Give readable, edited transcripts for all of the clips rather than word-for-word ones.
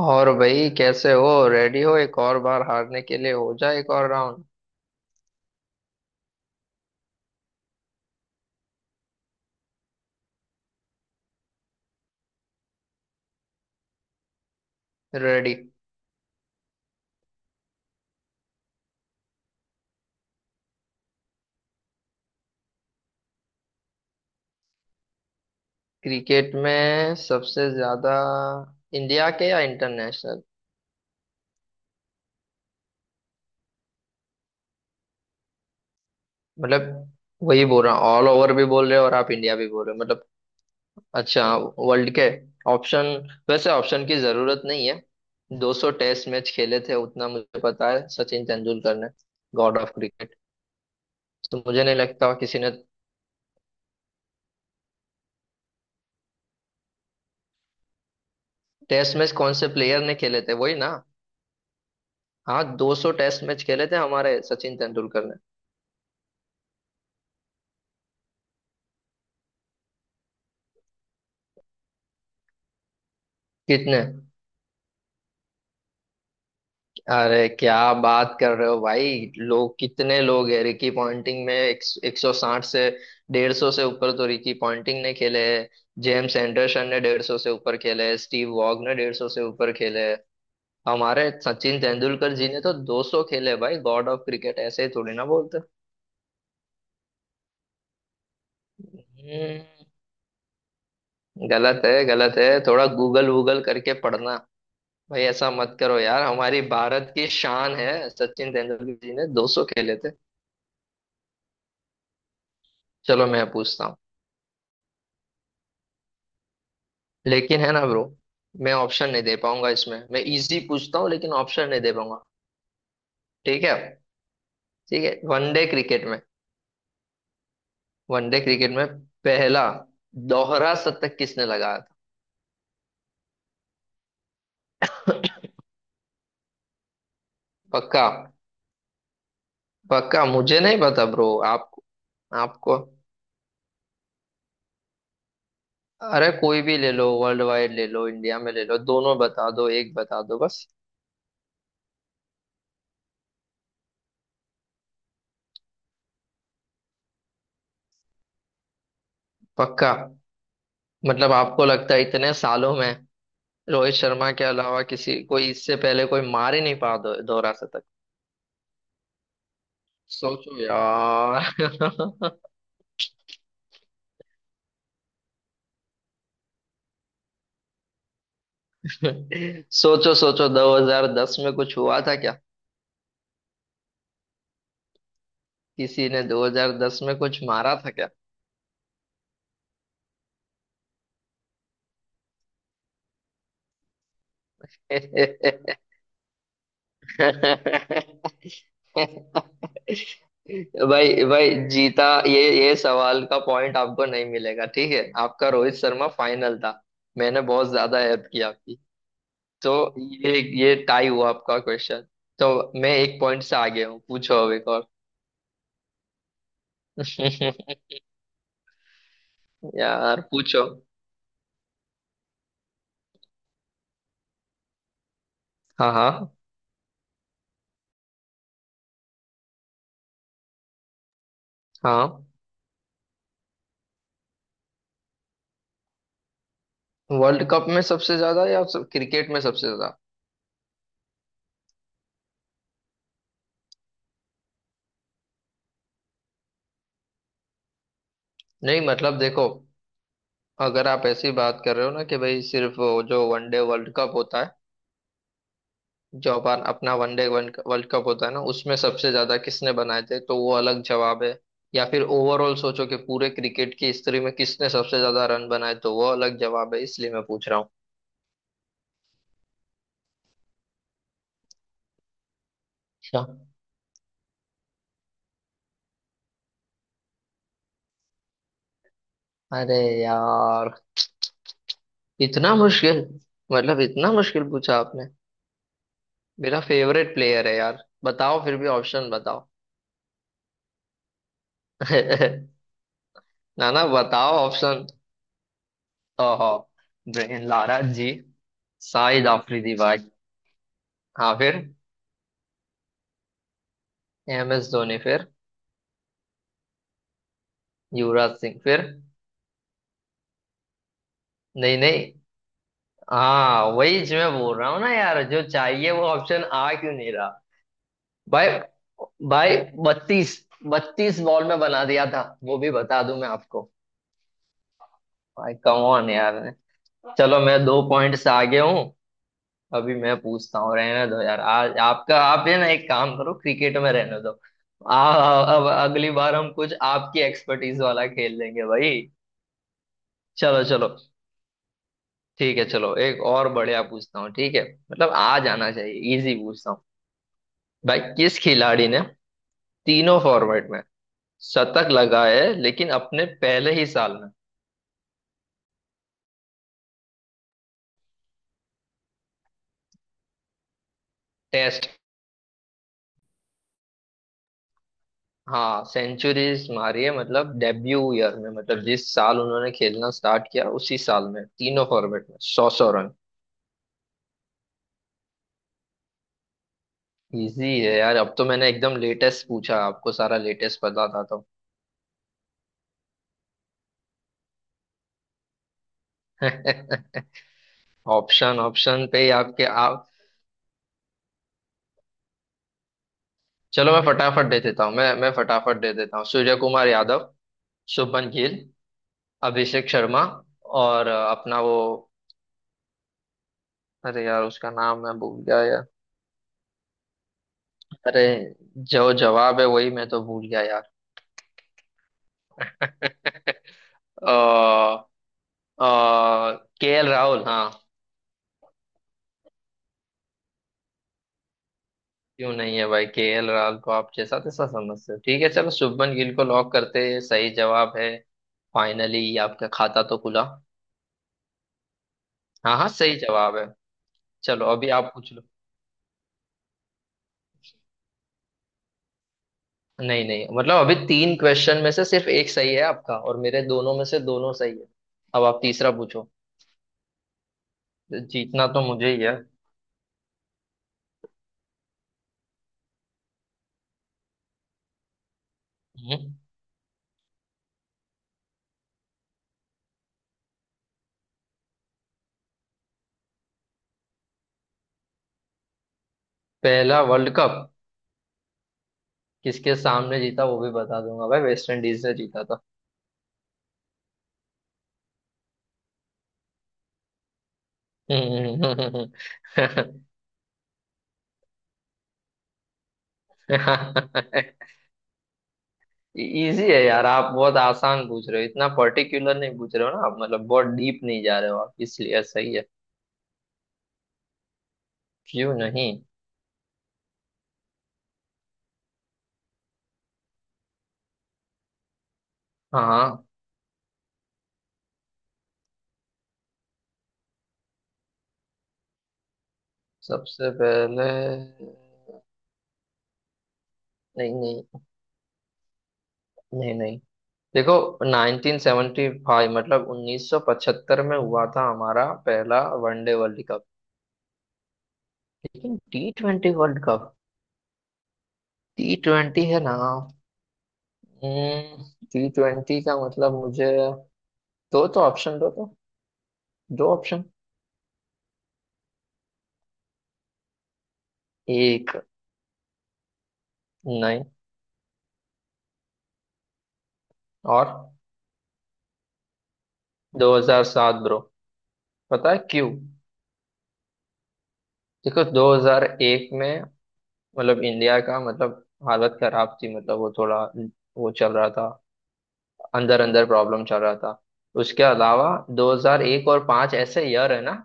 और भाई, कैसे हो? रेडी हो एक और बार हारने के लिए? हो जाए एक और राउंड। रेडी। क्रिकेट में सबसे ज्यादा? इंडिया के या इंटरनेशनल? मतलब वही बोल रहा हूँ, ऑल ओवर भी बोल रहे हो और आप इंडिया भी बोल रहे हो मतलब। अच्छा। वर्ल्ड के। ऑप्शन। वैसे ऑप्शन की जरूरत नहीं है। 200 टेस्ट मैच खेले थे उतना मुझे पता है, सचिन तेंदुलकर ने। God of cricket. तो मुझे नहीं लगता किसी ने। टेस्ट मैच कौन से प्लेयर ने खेले थे वही ना? हाँ, 200 टेस्ट मैच खेले थे हमारे सचिन तेंदुलकर ने। कितने? अरे क्या बात कर रहे हो भाई! लोग कितने लोग हैं! रिकी पॉन्टिंग में एक, 160 से, 150 से ऊपर तो रिकी पॉन्टिंग ने खेले हैं। जेम्स एंडरसन ने 150 से ऊपर खेले हैं, स्टीव वॉग ने 150 से ऊपर खेले हैं। हमारे सचिन तेंदुलकर जी ने तो 200 खेले भाई, गॉड ऑफ क्रिकेट ऐसे ही थोड़ी ना बोलते। हम्म, गलत है, गलत है, थोड़ा गूगल वूगल करके पढ़ना। भाई ऐसा मत करो यार, हमारी भारत की शान है, सचिन तेंदुलकर जी ने 200 खेले थे। चलो मैं पूछता हूँ। लेकिन है ना ब्रो। मैं ऑप्शन नहीं दे पाऊंगा इसमें, मैं इजी पूछता हूँ लेकिन ऑप्शन नहीं दे पाऊंगा। ठीक है। ठीक है, वनडे क्रिकेट में, वनडे क्रिकेट में पहला दोहरा शतक किसने लगाया था? पक्का? पक्का मुझे नहीं पता ब्रो। आपको? आपको? अरे कोई भी ले लो, वर्ल्ड वाइड ले लो, इंडिया में ले लो, दोनों बता दो, एक बता दो बस। पक्का? मतलब आपको लगता है इतने सालों में रोहित शर्मा के अलावा किसी, कोई इससे पहले कोई मार ही नहीं पा, दो, दोहरा शतक? सोचो यार। सोचो सोचो, 2010 में कुछ हुआ था क्या? किसी ने 2010 में कुछ मारा था क्या? भाई भाई जीता, ये सवाल का पॉइंट आपको नहीं मिलेगा, ठीक है? आपका रोहित शर्मा फाइनल था। मैंने बहुत ज्यादा हेल्प की आपकी। तो ये टाई हुआ आपका क्वेश्चन। तो मैं एक पॉइंट से आगे हूँ, पूछो अब एक और। यार पूछो। हाँ, हाँ, हाँ। वर्ल्ड कप में सबसे ज्यादा या सब क्रिकेट में सबसे ज्यादा? नहीं मतलब देखो, अगर आप ऐसी बात कर रहे हो ना कि भाई सिर्फ वो जो वनडे वर्ल्ड कप होता है, जो अपन अपना वनडे वर्ल्ड कप होता है ना, उसमें सबसे ज्यादा किसने बनाए थे, तो वो अलग जवाब है। या फिर ओवरऑल सोचो कि पूरे क्रिकेट की हिस्ट्री में किसने सबसे ज्यादा रन बनाए, तो वो अलग जवाब है, इसलिए मैं पूछ रहा हूँ। अच्छा। अरे यार, इतना मुश्किल! मतलब इतना मुश्किल पूछा आपने। मेरा फेवरेट प्लेयर है यार, बताओ फिर भी ऑप्शन बताओ। ना ना, बताओ ऑप्शन। ओहो। Brian Lara ji. शाहिद आफरीदी भाई। हाँ फिर। एम एस धोनी फिर। युवराज सिंह फिर। नहीं नहीं। हाँ वही जो मैं बोल रहा हूँ ना यार, जो चाहिए वो ऑप्शन आ क्यों नहीं रहा? भाई, भाई, बत्तीस, बत्तीस बॉल में बना दिया था, वो भी बता दूं मैं आपको। भाई कम ऑन यार। चलो मैं दो पॉइंट से आगे हूँ। अभी मैं पूछता हूँ, रहने दो यार आज आपका। आप ये ना, एक काम करो, क्रिकेट में रहने दो। अब अगली बार हम कुछ आपकी एक्सपर्टीज वाला खेल लेंगे भाई। चलो चलो। ठीक है, चलो एक और बढ़िया पूछता हूँ, ठीक है। मतलब आ जाना चाहिए, इजी पूछता हूँ। भाई किस खिलाड़ी ने तीनों फॉर्मेट में शतक लगाए लेकिन अपने पहले ही साल में? टेस्ट। हाँ सेंचुरीज मारी है, मतलब डेब्यू ईयर में, मतलब जिस साल उन्होंने खेलना स्टार्ट किया उसी साल में तीनों फॉर्मेट में सौ सौ रन। इजी है यार, अब तो मैंने एकदम लेटेस्ट पूछा, आपको सारा लेटेस्ट पता था तो। ऑप्शन, ऑप्शन पे ही आपके आप। चलो मैं फटाफट दे देता हूँ, मैं फटाफट दे देता हूँ। सूर्य कुमार यादव, शुभमन गिल, अभिषेक शर्मा, और अपना वो। अरे यार, उसका नाम मैं भूल गया यार। अरे, जो जवाब है वही मैं तो भूल गया यार। के एल राहुल, हाँ। क्यों नहीं है भाई? के एल राहुल को आप जैसा तैसा समझते हो? ठीक है, चलो शुभमन गिल को लॉक करते हैं, सही जवाब है। फाइनली आपका खाता तो खुला। हाँ हाँ, सही जवाब है। चलो अभी आप पूछ लो। नहीं नहीं, मतलब अभी तीन क्वेश्चन में से सिर्फ एक सही है आपका, और मेरे दोनों में से दोनों सही है। अब आप तीसरा पूछो। जीतना तो मुझे ही है। हम्म। पहला वर्ल्ड कप? किसके सामने जीता वो भी बता दूंगा भाई, वेस्ट इंडीज ने जीता था। इजी है यार, आप बहुत आसान पूछ रहे हो, इतना पर्टिकुलर नहीं पूछ रहे हो ना आप, मतलब बहुत डीप नहीं जा रहे हो आप, इसलिए सही है। क्यों नहीं। हाँ, सबसे पहले। नहीं नहीं नहीं नहीं, देखो। 1975, मतलब 1975 में हुआ था हमारा पहला वनडे वर्ल्ड कप। लेकिन T twenty world cup, T twenty है ना? टी ट्वेंटी का मतलब मुझे। दो तो ऑप्शन, दो तो। दो ऑप्शन। एक। नहीं। और? 2007 ब्रो। पता है क्यों? देखो 2001 में, मतलब इंडिया का, मतलब हालत खराब थी, मतलब वो थोड़ा, वो चल रहा था, अंदर अंदर प्रॉब्लम चल रहा था। उसके अलावा, 2001 और 5 ऐसे ईयर है ना,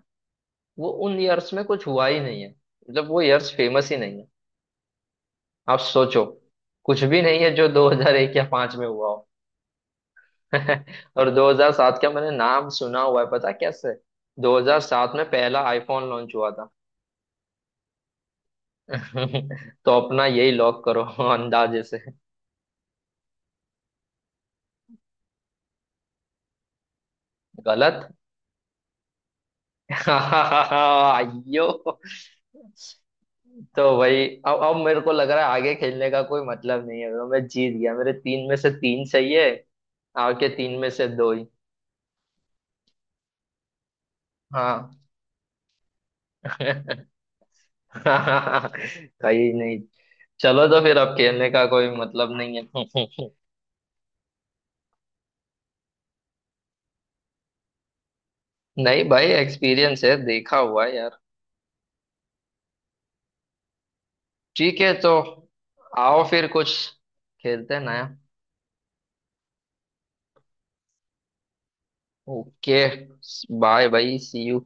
वो उन ईयर्स में कुछ हुआ ही नहीं है, मतलब वो ईयर्स फेमस ही नहीं है। आप सोचो, कुछ भी नहीं है जो 2001 या 5 में हुआ हो। और 2007 का मैंने नाम सुना हुआ है, पता है कैसे? 2007 में पहला आईफोन लॉन्च हुआ था। तो अपना यही लॉक करो, अंदाजे से। गलत। आइयो। तो भाई अब मेरे को लग रहा है आगे खेलने का कोई मतलब नहीं है, तो मैं जीत गया, मेरे तीन में से तीन सही है। आपके तीन में से दो ही। हाँ। कहीं नहीं। चलो तो फिर, अब खेलने का कोई मतलब नहीं है। नहीं भाई, एक्सपीरियंस है, देखा हुआ है यार। ठीक है तो, आओ फिर कुछ खेलते हैं नया। ओके। बाय भाई, सी यू।